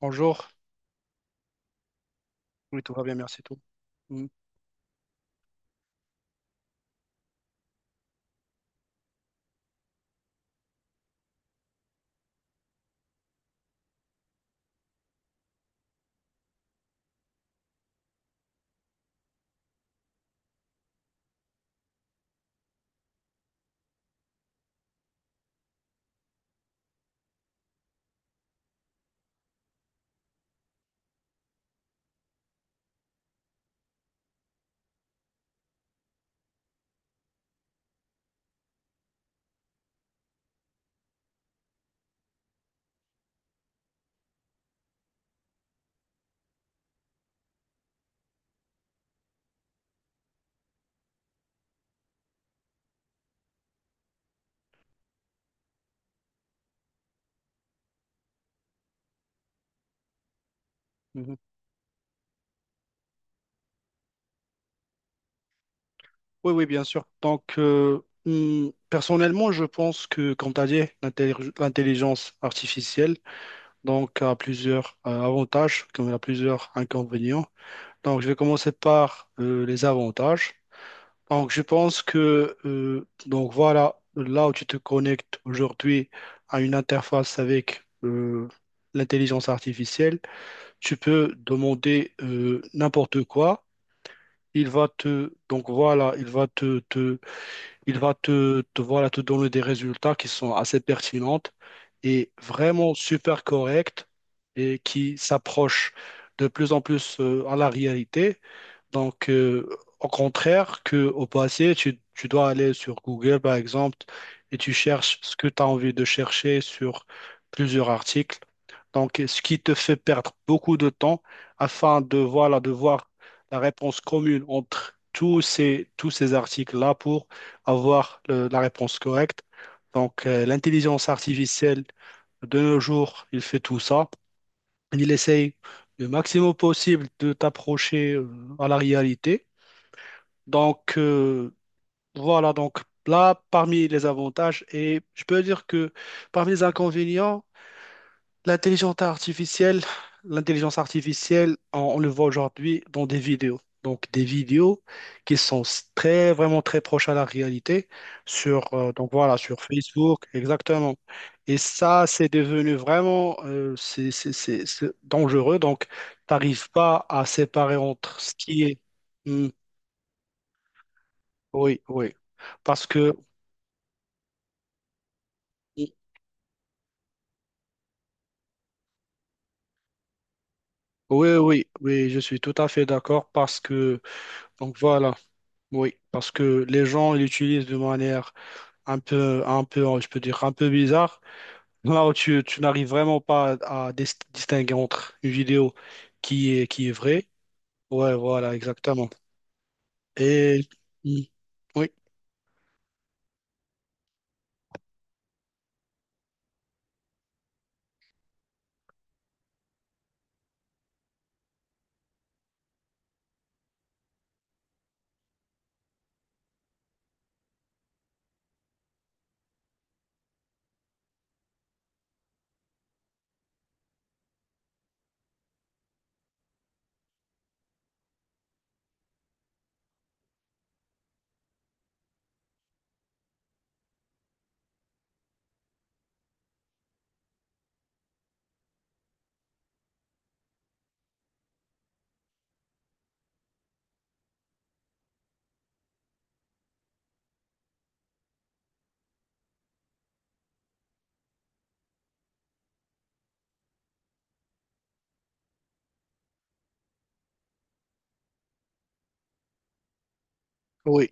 Bonjour, oui, tout va bien, merci tout. Mhm, mhm. Oui, oui, bien sûr. Personnellement, je pense que, comme tu as dit, l'intelligence artificielle a plusieurs avantages comme elle a plusieurs inconvénients. Donc, je vais commencer par les avantages. Donc, je pense que, donc voilà, là où tu te connectes aujourd'hui à une interface avec l'intelligence artificielle, tu peux demander n'importe quoi. Il va te donc voilà, il va te, te il va te, te voilà te donner des résultats qui sont assez pertinentes et vraiment super corrects et qui s'approchent de plus en plus à la réalité. Donc, au contraire que au passé, tu dois aller sur Google, par exemple, et tu cherches ce que tu as envie de chercher sur plusieurs articles. Donc, ce qui te fait perdre beaucoup de temps afin de, voilà, de voir la réponse commune entre tous ces articles-là pour avoir la réponse correcte. Donc, l'intelligence artificielle de nos jours, il fait tout ça. Il essaye le maximum possible de t'approcher à la réalité. Donc, voilà, là, parmi les avantages, et je peux dire que parmi les inconvénients, L'intelligence artificielle, l'intelligence artificielle, on le voit aujourd'hui dans des vidéos. Donc des vidéos qui sont s- très vraiment très proches à la réalité sur donc voilà sur Facebook exactement. Et ça c'est devenu vraiment c'est dangereux. Donc t'arrives pas à séparer entre ce qui est. Hmm, oui, oui, parce que oui, oui, oui, je suis tout à fait d'accord parce que donc voilà. Oui, parce que les gens l'utilisent de manière un peu, je peux dire, un peu bizarre, là où tu n'arrives vraiment pas à distinguer entre une vidéo qui est vraie. Ouais, voilà, exactement. Et. Mm. Oui, oui.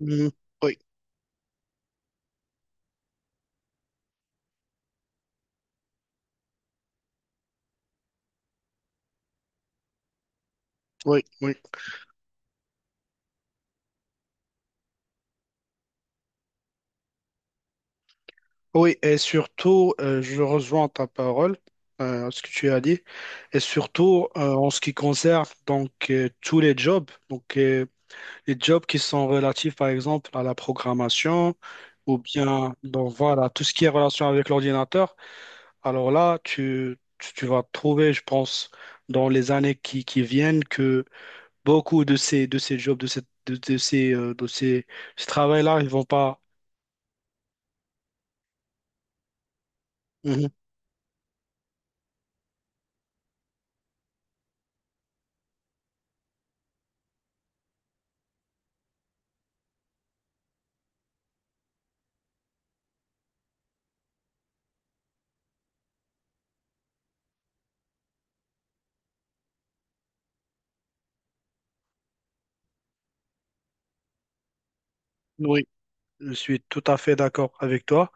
Mm. Oui, oui, oui. Oui, et surtout, je rejoins ta parole, ce que tu as dit, et surtout en ce qui concerne donc tous les jobs. Donc, les jobs qui sont relatifs, par exemple, à la programmation ou bien, donc voilà, tout ce qui est relation avec l'ordinateur. Alors là, tu vas trouver, je pense, dans les années qui viennent, que beaucoup de ces jobs, de, cette, de ces, ce travail-là, ils vont pas. Mhm. Oui, je suis tout à fait d'accord avec toi.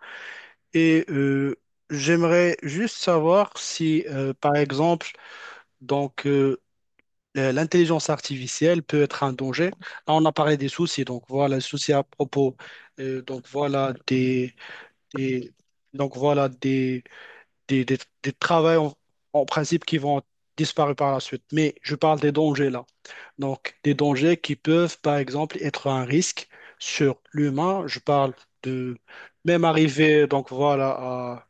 Et j'aimerais juste savoir si, par exemple, donc, l'intelligence artificielle peut être un danger. Là, on a parlé des soucis, donc voilà, les soucis à propos, donc voilà des- donc voilà des travails en, en principe qui vont disparaître par la suite. Mais je parle des dangers là. Donc des dangers qui peuvent, par exemple, être un risque sur l'humain. Je parle de même arriver, donc voilà, à,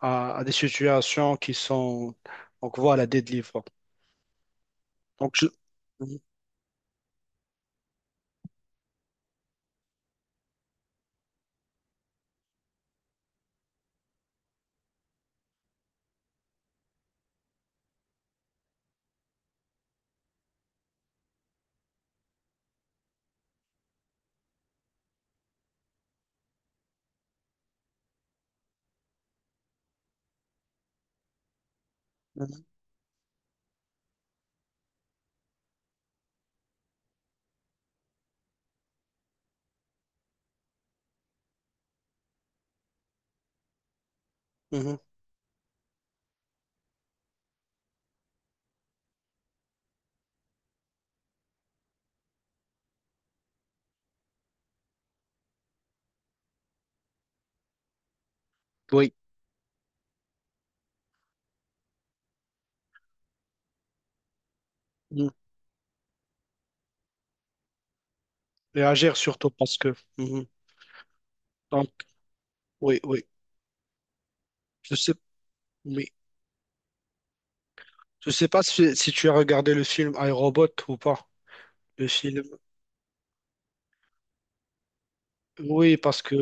à, à des situations qui sont, donc voilà, des délivres. Donc je... Mhm, mhm, mhm. Oui. Mhm. Réagir surtout parce que. Mhm. Donc, oui, oui. Je sais, oui. Je sais pas si tu as regardé le film iRobot ou pas. Le film. Oui, parce que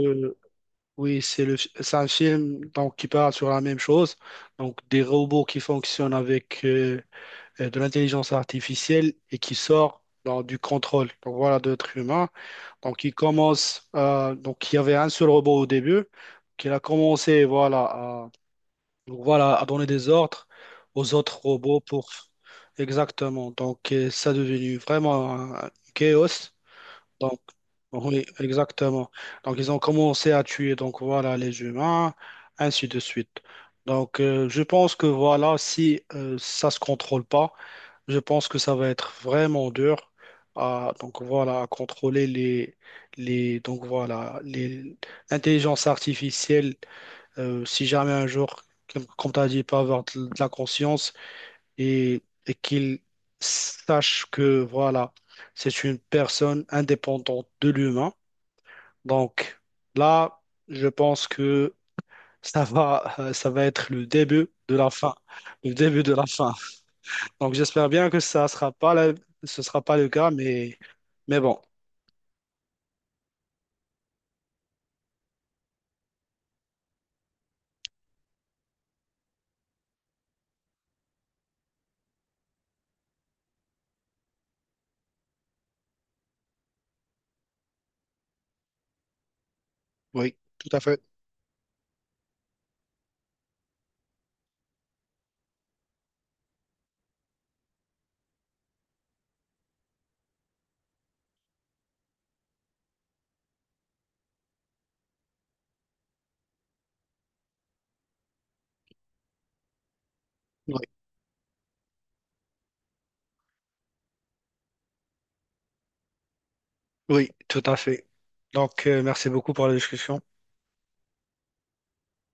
oui, c'est un film donc, qui parle sur la même chose. Donc, des robots qui fonctionnent avec de l'intelligence artificielle et qui sort dans, du contrôle. Donc, voilà, d'autres humains. Donc, il commence. Donc, il y avait un seul robot au début. Qu'il a commencé, voilà, donc voilà, à donner des ordres aux autres robots pour... Exactement. Donc ça est devenu vraiment un chaos. Donc oui, exactement. Donc ils ont commencé à tuer donc voilà les humains, ainsi de suite. Donc je pense que voilà, si ça se contrôle pas, je pense que ça va être vraiment dur à donc voilà à contrôler les donc voilà les l'intelligence artificielle si jamais un jour, comme tu as dit, il peut avoir de la conscience et, qu'il sache que voilà, c'est une personne indépendante de l'humain. Donc là, je pense que ça va être le début de la fin. Le début de la fin. Donc j'espère bien que ça sera pas la- ce sera pas le cas, mais bon, oui, tout à fait. Oui, oui, tout à fait. Donc merci beaucoup pour la discussion.